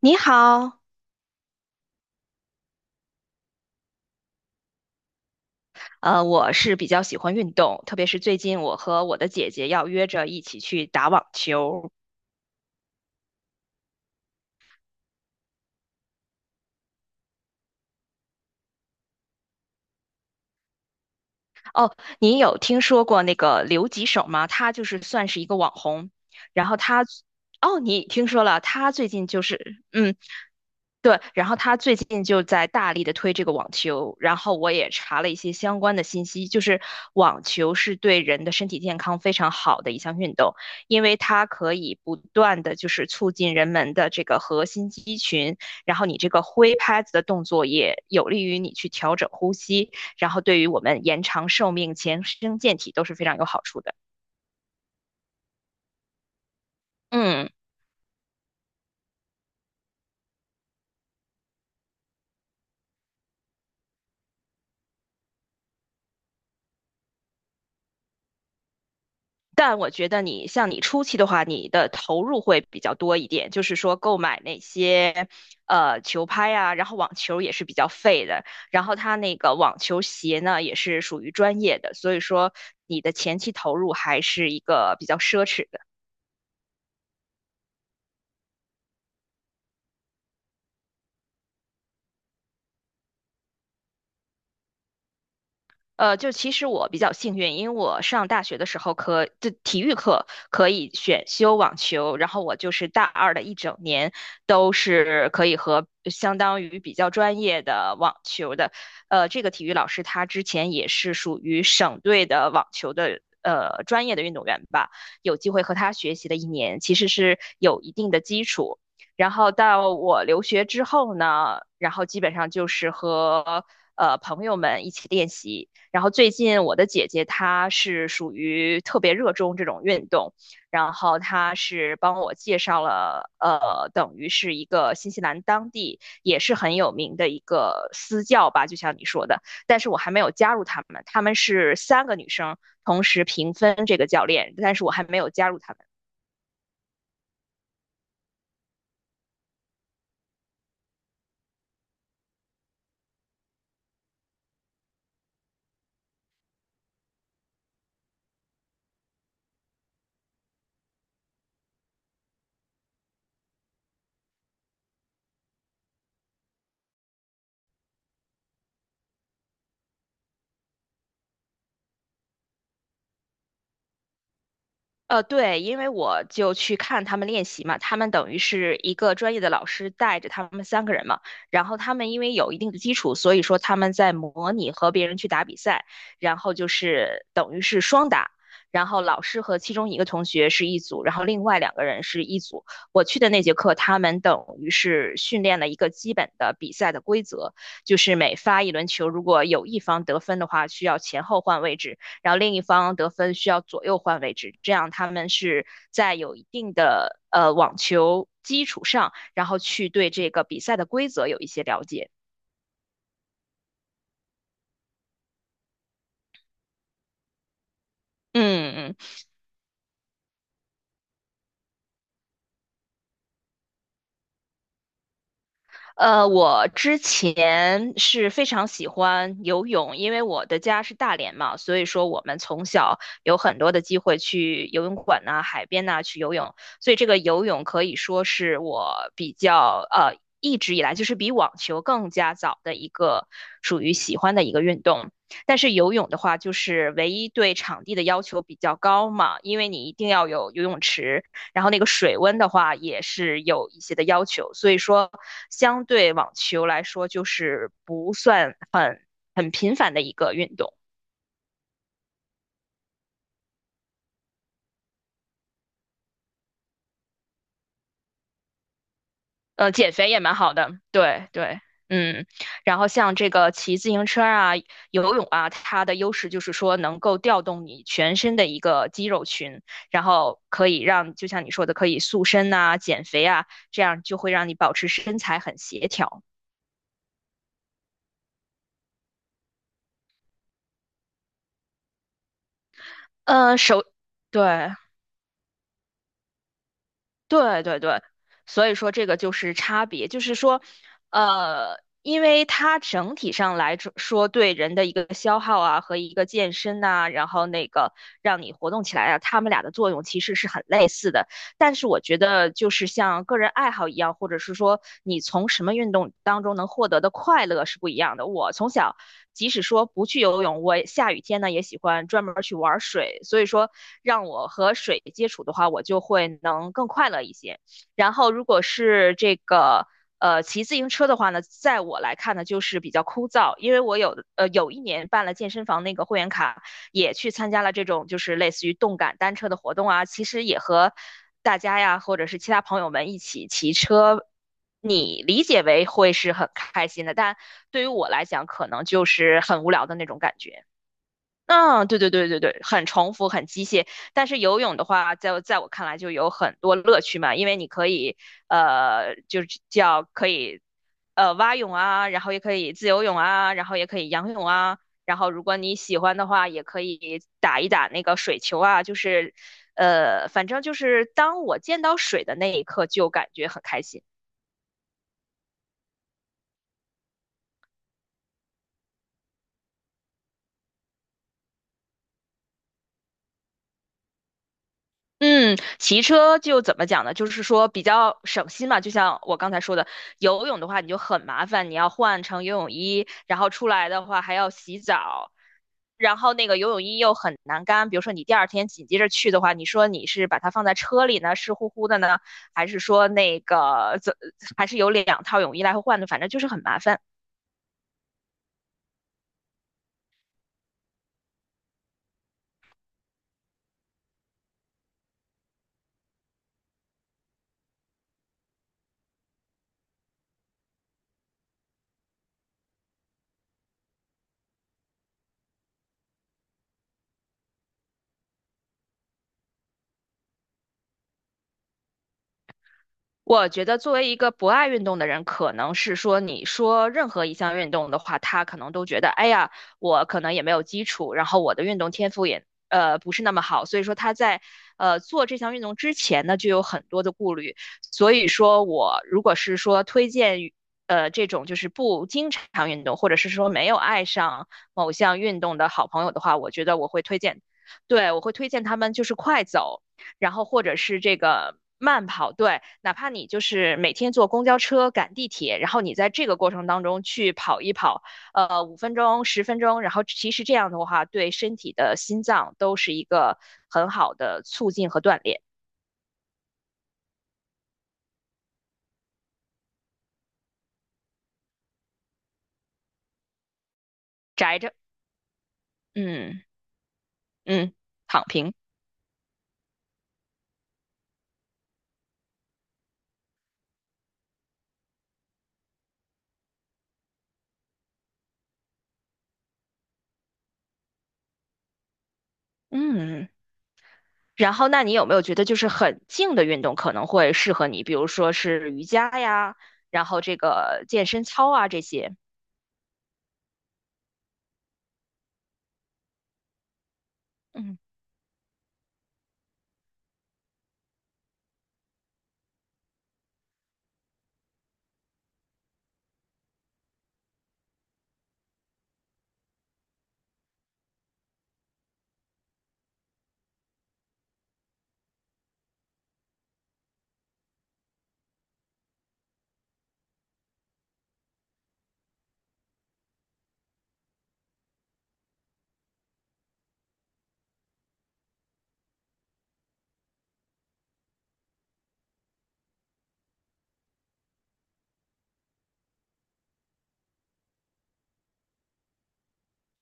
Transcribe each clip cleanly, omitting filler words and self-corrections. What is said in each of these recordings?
你好，我是比较喜欢运动，特别是最近我和我的姐姐要约着一起去打网球。哦，你有听说过那个刘吉手吗？他就是算是一个网红，然后他，哦，你听说了，他最近就是，对，然后他最近就在大力的推这个网球，然后我也查了一些相关的信息，就是网球是对人的身体健康非常好的一项运动，因为它可以不断的就是促进人们的这个核心肌群，然后你这个挥拍子的动作也有利于你去调整呼吸，然后对于我们延长寿命、强身健体都是非常有好处的。嗯。但我觉得像你初期的话，你的投入会比较多一点，就是说购买那些球拍啊，然后网球也是比较费的，然后它那个网球鞋呢也是属于专业的，所以说你的前期投入还是一个比较奢侈的。就其实我比较幸运，因为我上大学的时候就体育课可以选修网球，然后我就是大二的一整年都是可以和相当于比较专业的网球的，这个体育老师他之前也是属于省队的网球的。专业的运动员吧，有机会和他学习的一年，其实是有一定的基础。然后到我留学之后呢，然后基本上就是和朋友们一起练习，然后最近我的姐姐她是属于特别热衷这种运动，然后她是帮我介绍了，等于是一个新西兰当地也是很有名的一个私教吧，就像你说的，但是我还没有加入他们，他们是三个女生同时平分这个教练，但是我还没有加入他们。对，因为我就去看他们练习嘛，他们等于是一个专业的老师带着他们三个人嘛，然后他们因为有一定的基础，所以说他们在模拟和别人去打比赛，然后就是等于是双打，然后老师和其中一个同学是一组，然后另外两个人是一组。我去的那节课，他们等于是训练了一个基本的比赛的规则，就是每发一轮球，如果有一方得分的话，需要前后换位置。然后另一方得分需要左右换位置，这样他们是在有一定的网球基础上，然后去对这个比赛的规则有一些了解。嗯嗯。我之前是非常喜欢游泳，因为我的家是大连嘛，所以说我们从小有很多的机会去游泳馆呐、海边呐、去游泳，所以这个游泳可以说是我比较一直以来就是比网球更加早的一个属于喜欢的一个运动。但是游泳的话，就是唯一对场地的要求比较高嘛，因为你一定要有游泳池。然后那个水温的话也是有一些的要求，所以说相对网球来说就是不算很频繁的一个运动。减肥也蛮好的，对对。嗯，然后像这个骑自行车啊、游泳啊，它的优势就是说能够调动你全身的一个肌肉群，然后可以让，就像你说的，可以塑身呐、减肥啊，这样就会让你保持身材很协调。呃，手，对，对对对，所以说这个就是差别，就是说，呃，因为它整体上来着说对人的一个消耗啊和一个健身呐、然后那个让你活动起来啊，它们俩的作用其实是很类似的。但是我觉得就是像个人爱好一样，或者是说你从什么运动当中能获得的快乐是不一样的。我从小即使说不去游泳，我下雨天呢也喜欢专门去玩水。所以说，让我和水接触的话，我就会能更快乐一些。然后，如果是这个骑自行车的话呢，在我来看呢，就是比较枯燥，因为我有一年办了健身房那个会员卡，也去参加了这种就是类似于动感单车的活动啊，其实也和大家呀或者是其他朋友们一起骑车。你理解为会是很开心的，但对于我来讲，可能就是很无聊的那种感觉。嗯，对对对对对，很重复，很机械。但是游泳的话，在我看来就有很多乐趣嘛，因为你可以，就是叫可以，蛙泳啊，然后也可以自由泳啊，然后也可以仰泳啊，然后如果你喜欢的话，也可以打一打那个水球啊，就是，反正就是当我见到水的那一刻，就感觉很开心。嗯，骑车就怎么讲呢？就是说比较省心嘛，就像我刚才说的，游泳的话你就很麻烦，你要换成游泳衣，然后出来的话还要洗澡，然后那个游泳衣又很难干。比如说你第二天紧接着去的话，你说你是把它放在车里呢，湿乎乎的呢，还是说那个怎，还是有两套泳衣来回换的，反正就是很麻烦。我觉得作为一个不爱运动的人，可能是说你说任何一项运动的话，他可能都觉得，哎呀，我可能也没有基础，然后我的运动天赋也不是那么好，所以说他在做这项运动之前呢，就有很多的顾虑。所以说我如果是说推荐于这种就是不经常运动，或者是说没有爱上某项运动的好朋友的话，我觉得我会推荐，对，我会推荐他们就是快走。然后或者是这个慢跑，对，哪怕你就是每天坐公交车、赶地铁，然后你在这个过程当中去跑一跑，5分钟、10分钟，然后其实这样的话，对身体的心脏都是一个很好的促进和锻炼。宅着，嗯嗯，躺平，嗯。然后，那你有没有觉得就是很静的运动可能会适合你？比如说是瑜伽呀，然后这个健身操啊这些。嗯。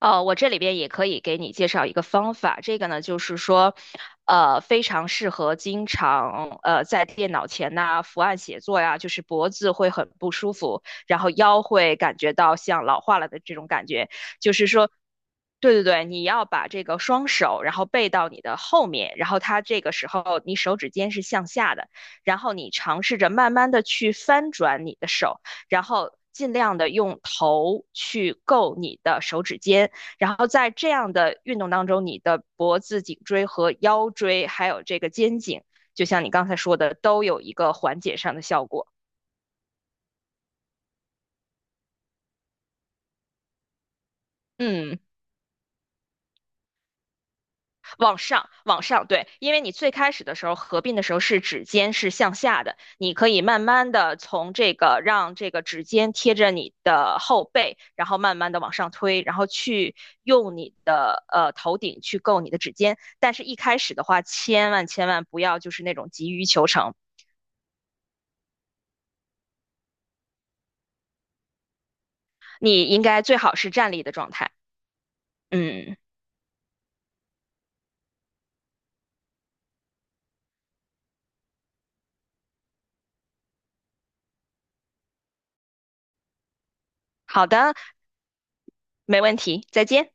哦，我这里边也可以给你介绍一个方法，这个呢就是说，非常适合经常在电脑前呐、伏案写作呀，就是脖子会很不舒服，然后腰会感觉到像老化了的这种感觉，就是说。对对对，你要把这个双手，然后背到你的后面，然后它这个时候你手指尖是向下的，然后你尝试着慢慢的去翻转你的手，然后尽量的用头去够你的手指尖，然后在这样的运动当中，你的脖子、颈椎和腰椎，还有这个肩颈，就像你刚才说的，都有一个缓解上的效果。嗯，往上，往上，对，因为你最开始的时候合并的时候是指尖是向下的，你可以慢慢的从这个让这个指尖贴着你的后背，然后慢慢的往上推，然后去用你的头顶去够你的指尖。但是，一开始的话，千万千万不要就是那种急于求成，你应该最好是站立的状态。嗯，好的，没问题，再见。